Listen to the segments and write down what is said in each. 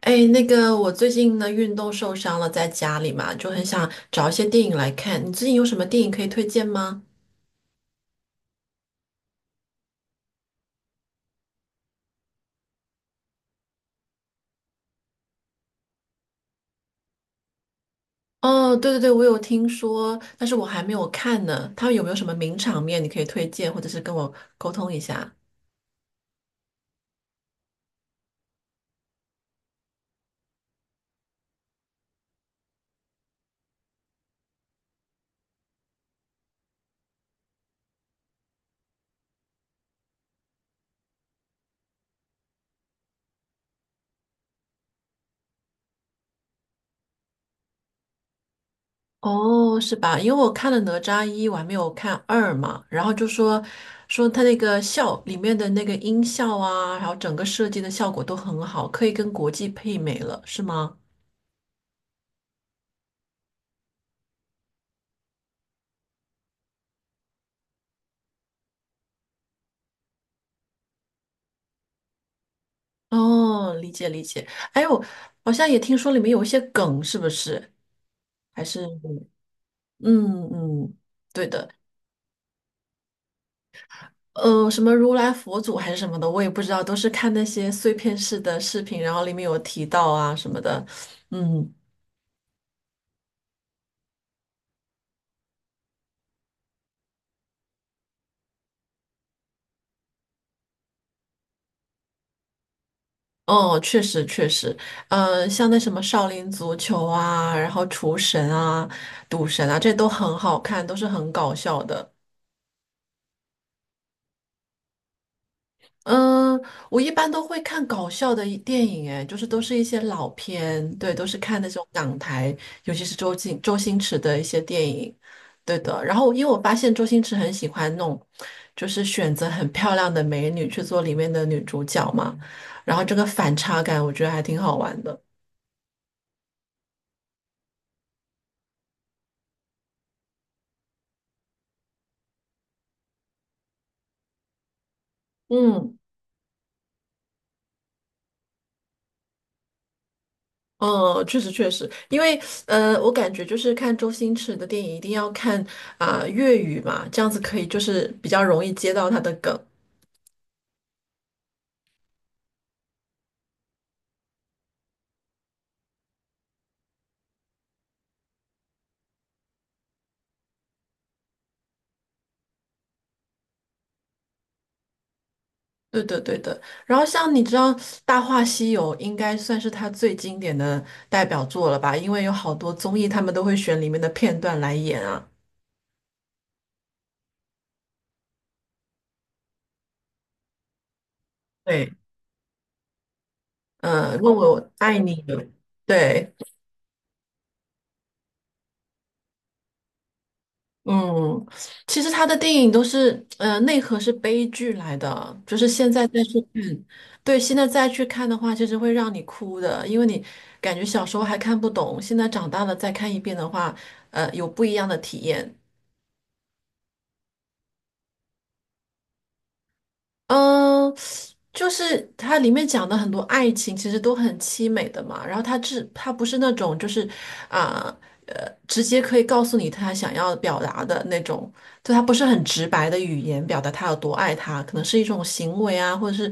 哎，我最近呢运动受伤了，在家里嘛，就很想找一些电影来看。你最近有什么电影可以推荐吗？哦，对对对，我有听说，但是我还没有看呢。他们有没有什么名场面你可以推荐，或者是跟我沟通一下？哦，是吧？因为我看了《哪吒一》，我还没有看二嘛，然后就说他那个效里面的那个音效啊，还有整个设计的效果都很好，可以跟国际媲美了，是吗？哦，理解理解。哎呦，好像也听说里面有一些梗，是不是？还是嗯嗯，对的。什么如来佛祖还是什么的，我也不知道，都是看那些碎片式的视频，然后里面有提到啊什么的。嗯。哦，确实确实，像那什么少林足球啊，然后厨神啊、赌神啊，这都很好看，都是很搞笑的。嗯，我一般都会看搞笑的一电影，哎，就是都是一些老片，对，都是看那种港台，尤其是周星驰的一些电影，对的。然后，因为我发现周星驰很喜欢弄，就是选择很漂亮的美女去做里面的女主角嘛，然后这个反差感，我觉得还挺好玩的。嗯。嗯，确实确实，因为我感觉就是看周星驰的电影一定要看啊、粤语嘛，这样子可以就是比较容易接到他的梗。对的，对的。然后像你知道，《大话西游》应该算是他最经典的代表作了吧？因为有好多综艺，他们都会选里面的片段来演啊。对，嗯，问我爱你的。对，嗯，其实他的电影都是，内核是悲剧来的，就是现在再去看，对，现在再去看的话，其实会让你哭的，因为你感觉小时候还看不懂，现在长大了再看一遍的话，有不一样的体验。嗯，就是它里面讲的很多爱情，其实都很凄美的嘛。然后它不是那种就是啊呃，直接可以告诉你他想要表达的那种，就他不是很直白的语言表达他有多爱他，可能是一种行为啊，或者是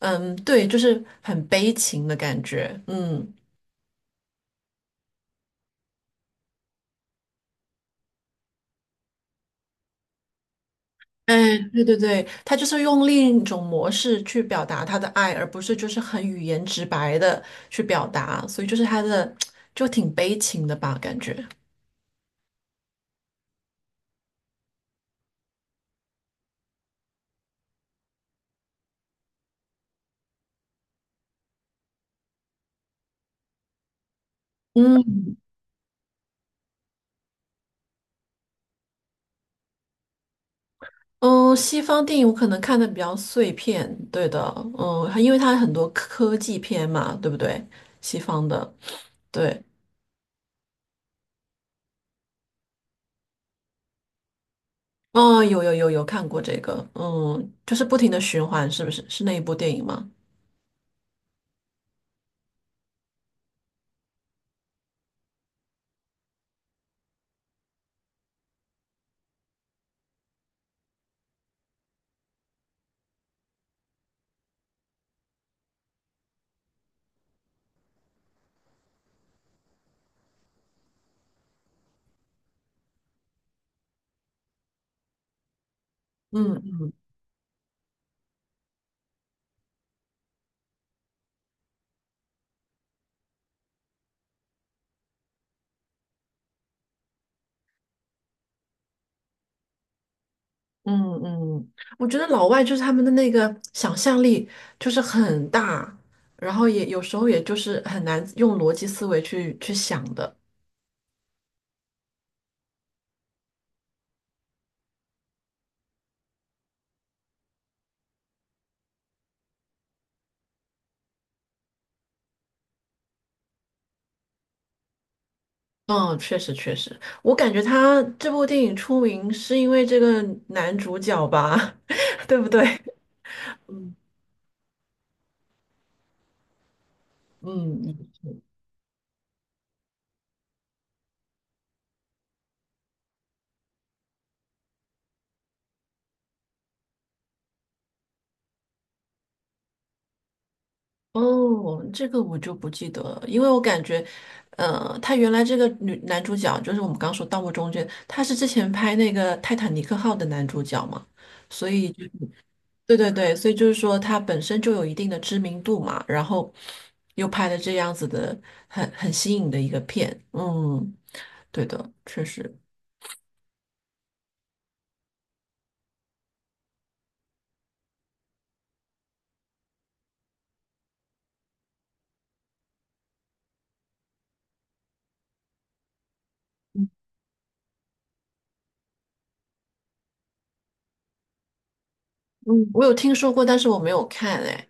嗯对，就是很悲情的感觉。嗯，哎，对对对，他就是用另一种模式去表达他的爱，而不是就是很语言直白的去表达，所以就是他的 就挺悲情的吧，感觉。嗯。嗯，西方电影我可能看的比较碎片，对的，嗯，因为它很多科技片嘛，对不对？西方的，对，哦，有有看过这个，嗯，就是不停的循环，是不是？是那一部电影吗？嗯嗯嗯，我觉得老外就是他们的那个想象力就是很大，然后也有时候也就是很难用逻辑思维去想的。嗯，确实确实，我感觉他这部电影出名是因为这个男主角吧，对不对？哦，这个我就不记得了，因为我感觉，他原来这个女男主角就是我们刚说《盗墓中》间，他是之前拍那个《泰坦尼克号》的男主角嘛，所以就对对对，所以就是说他本身就有一定的知名度嘛，然后又拍了这样子的很新颖的一个片，嗯，对的，确实。嗯，我有听说过，但是我没有看哎。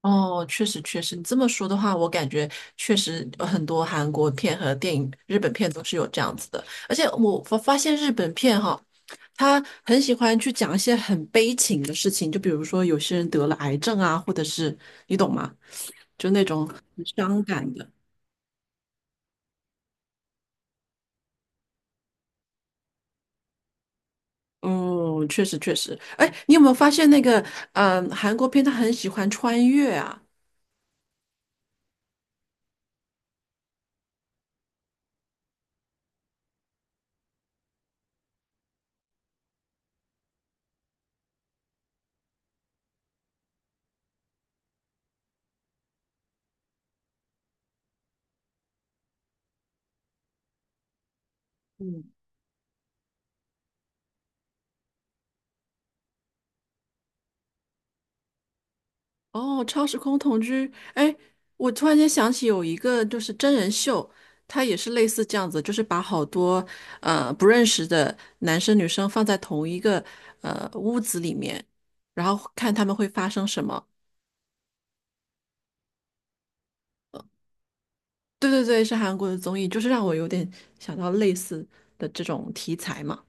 哦，确实确实，你这么说的话，我感觉确实很多韩国片和电影、日本片都是有这样子的。而且我发现日本片哈，他很喜欢去讲一些很悲情的事情，就比如说有些人得了癌症啊，或者是你懂吗？就那种很伤感的。嗯，确实确实。哎，你有没有发现那个韩国片他很喜欢穿越啊？哦，超时空同居，哎，我突然间想起有一个就是真人秀，它也是类似这样子，就是把好多不认识的男生女生放在同一个屋子里面，然后看他们会发生什么。对对对，是韩国的综艺，就是让我有点想到类似的这种题材嘛。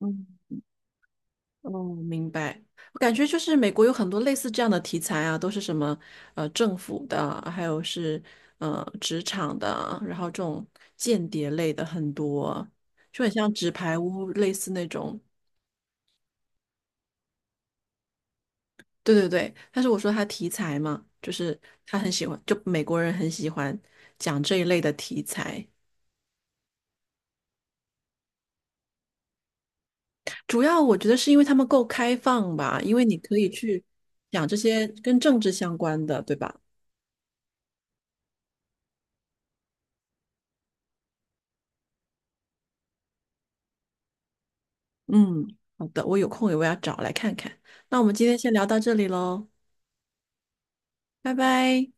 嗯。哦，明白。我感觉就是美国有很多类似这样的题材啊，都是什么政府的，还有是职场的啊，然后这种间谍类的很多，就很像纸牌屋类似那种。对对对，但是我说他题材嘛，就是他很喜欢，就美国人很喜欢讲这一类的题材。主要我觉得是因为他们够开放吧，因为你可以去讲这些跟政治相关的，对吧？嗯，好的，我有空也我要找来看看。那我们今天先聊到这里喽，拜拜。